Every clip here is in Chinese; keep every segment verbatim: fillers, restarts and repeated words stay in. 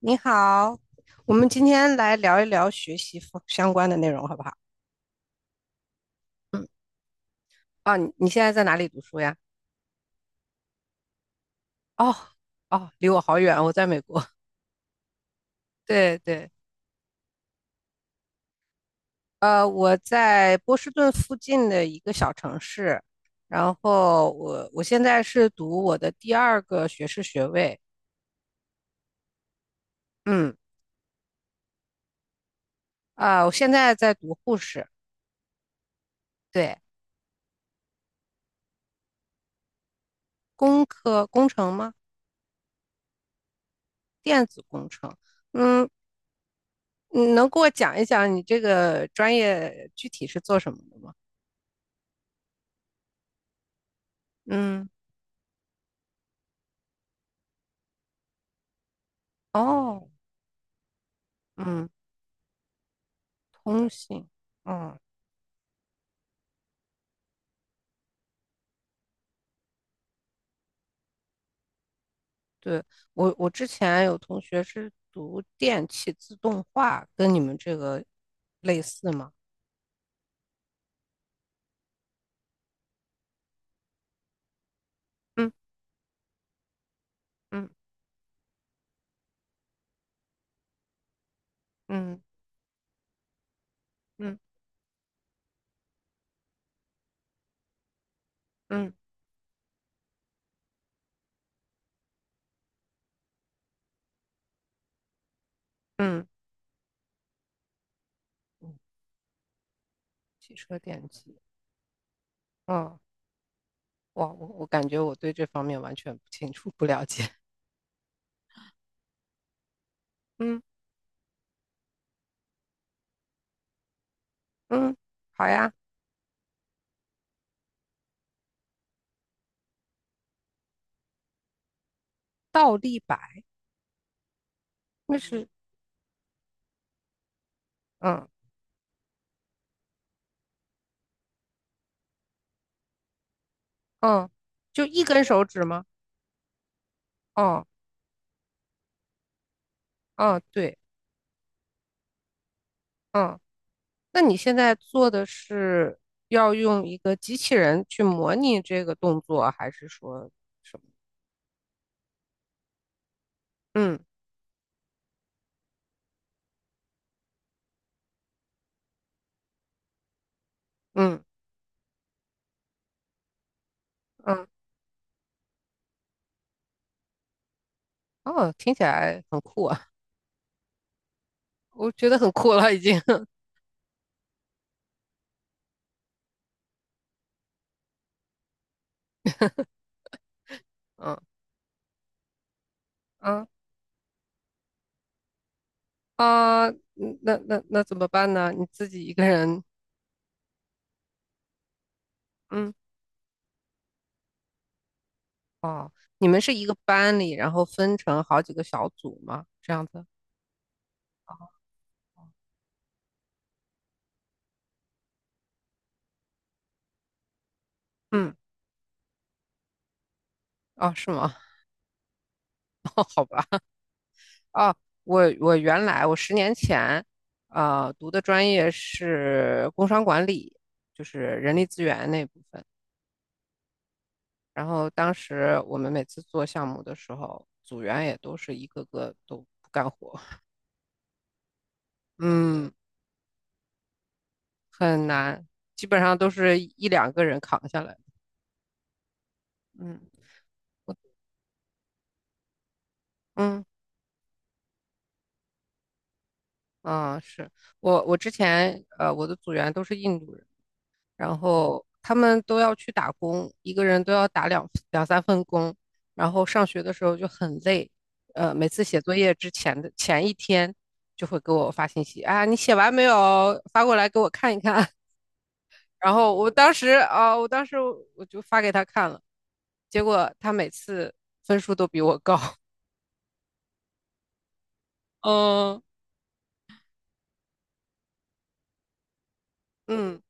你好，我们今天来聊一聊学习方相关的内容，好不好？嗯，啊，你你现在在哪里读书呀？哦，哦，离我好远，我在美国。对对，呃，我在波士顿附近的一个小城市，然后我我现在是读我的第二个学士学位，嗯，啊，我现在在读护士，对，工科工程吗？电子工程，嗯，你能给我讲一讲你这个专业具体是做什么的吗？嗯，哦，嗯，通信，嗯，对，我我之前有同学是读电气自动化，跟你们这个类似吗？嗯嗯嗯嗯嗯嗯嗯，汽车电机，嗯，哇，我我感觉我对这方面完全不清楚，不了解。嗯嗯，好呀，倒立摆，那是，嗯嗯，就一根手指吗？哦哦，对，嗯。那你现在做的是要用一个机器人去模拟这个动作，还是说什么？嗯嗯嗯，哦，听起来很酷啊，我觉得很酷了已经。嗯嗯啊，嗯那那那怎么办呢？你自己一个人？嗯哦，你们是一个班里，然后分成好几个小组吗？这样子？嗯哦，是吗？好吧。哦，我我原来我十年前，呃，读的专业是工商管理，就是人力资源那部分。然后当时我们每次做项目的时候，组员也都是一个个都不干活，嗯，很难，基本上都是一两个人扛下来。嗯嗯嗯，是我我之前呃我的组员都是印度人，然后他们都要去打工，一个人都要打两两三份工，然后上学的时候就很累，呃，每次写作业之前的前一天就会给我发信息啊，你写完没有？发过来给我看一看。然后我当时啊，我当时我就发给他看了，结果他每次分数都比我高。嗯嗯，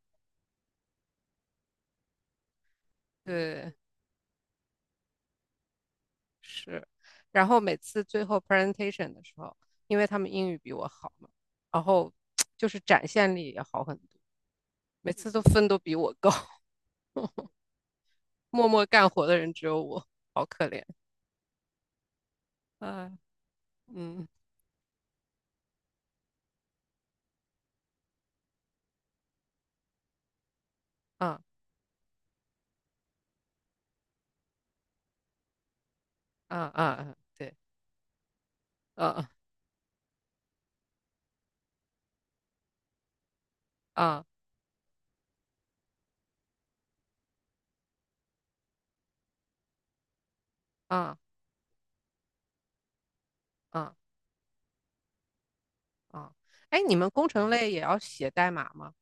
对。是，然后每次最后 presentation 的时候，因为他们英语比我好嘛，然后 就是展现力也好很多，每次都分都比我高，默默干活的人只有我，好可怜。啊，嗯，啊啊啊，对，啊啊啊啊啊，哎，你们工程类也要写代码吗？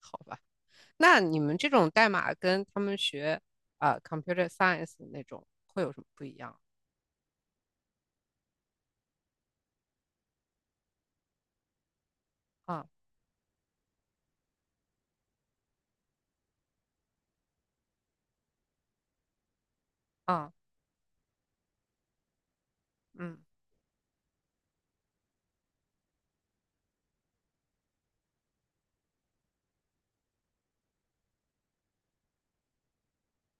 好吧，那你们这种代码跟他们学啊呃 computer science 那种会有什么不一样？啊啊，嗯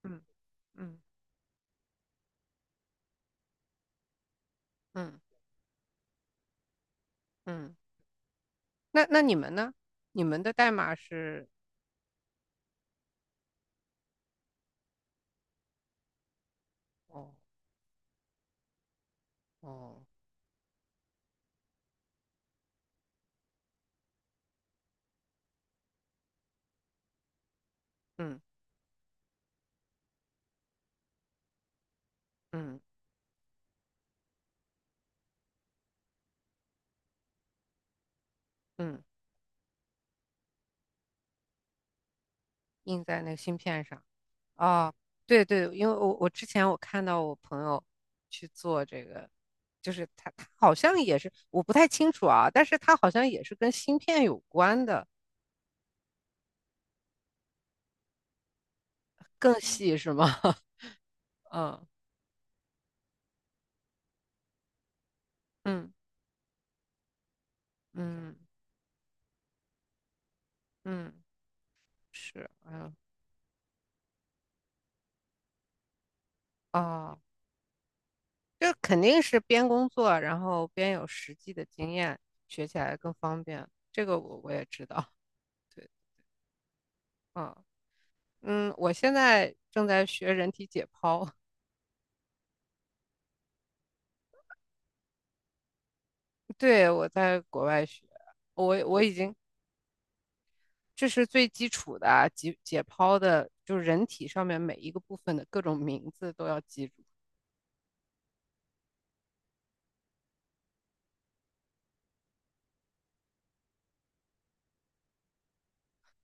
嗯嗯。嗯嗯嗯，那那你们呢？你们的代码是哦哦，嗯嗯嗯，印在那个芯片上哦，对对，因为我我之前我看到我朋友去做这个，就是他他好像也是，我不太清楚啊，但是他好像也是跟芯片有关的，更细是吗？嗯嗯嗯嗯，是，嗯哦。这肯定是边工作，然后边有实际的经验，学起来更方便。这个我我也知道，对，嗯嗯，我现在正在学人体解剖，对，我在国外学，我我已经这是最基础的啊，解解剖的，就是人体上面每一个部分的各种名字都要记住。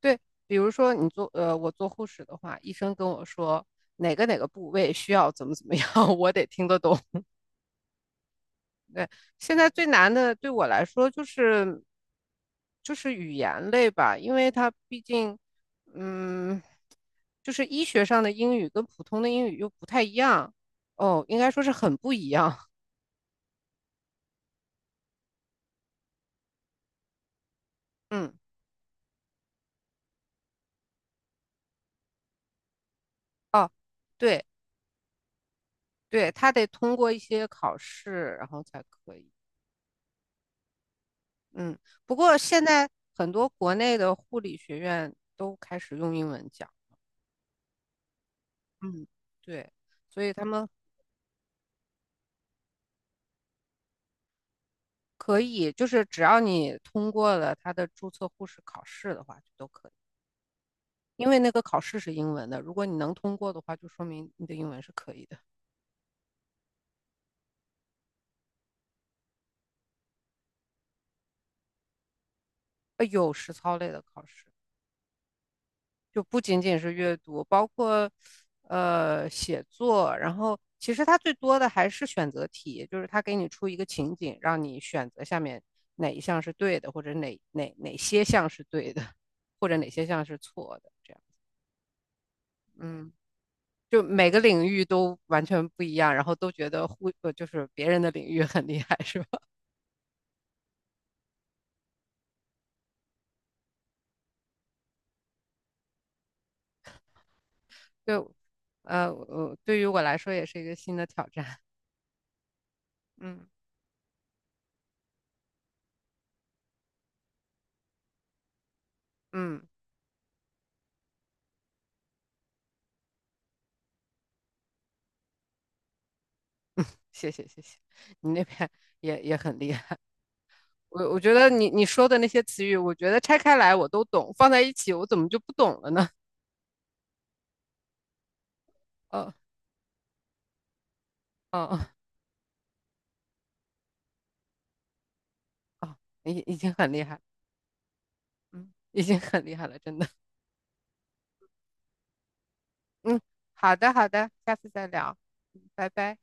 对，比如说你做呃，我做护士的话，医生跟我说哪个哪个部位需要怎么怎么样，我得听得懂。对，现在最难的对我来说就是就是语言类吧，因为它毕竟，嗯，就是医学上的英语跟普通的英语又不太一样，哦，应该说是很不一样，嗯，哦，对对，他得通过一些考试，然后才可以，嗯，不过现在很多国内的护理学院都开始用英文讲，嗯，对，所以他们可以，就是只要你通过了他的注册护士考试的话，就都可以。因为那个考试是英文的，如果你能通过的话，就说明你的英文是可以的。呃，有实操类的考试，就不仅仅是阅读，包括呃写作，然后其实它最多的还是选择题，就是它给你出一个情景，让你选择下面哪一项是对的，或者哪哪哪些项是对的，或者哪些项是错的，这样。嗯。就每个领域都完全不一样，然后都觉得互呃就是别人的领域很厉害，是吧？就，呃，呃，对于我来说也是一个新的挑战。嗯嗯，谢谢谢谢，你那边也也很厉害。我我觉得你你说的那些词语，我觉得拆开来我都懂，放在一起我怎么就不懂了呢？哦哦哦哦，已已经很厉害了嗯，已经很厉害了，真的。嗯，好的好的，下次再聊，嗯拜拜。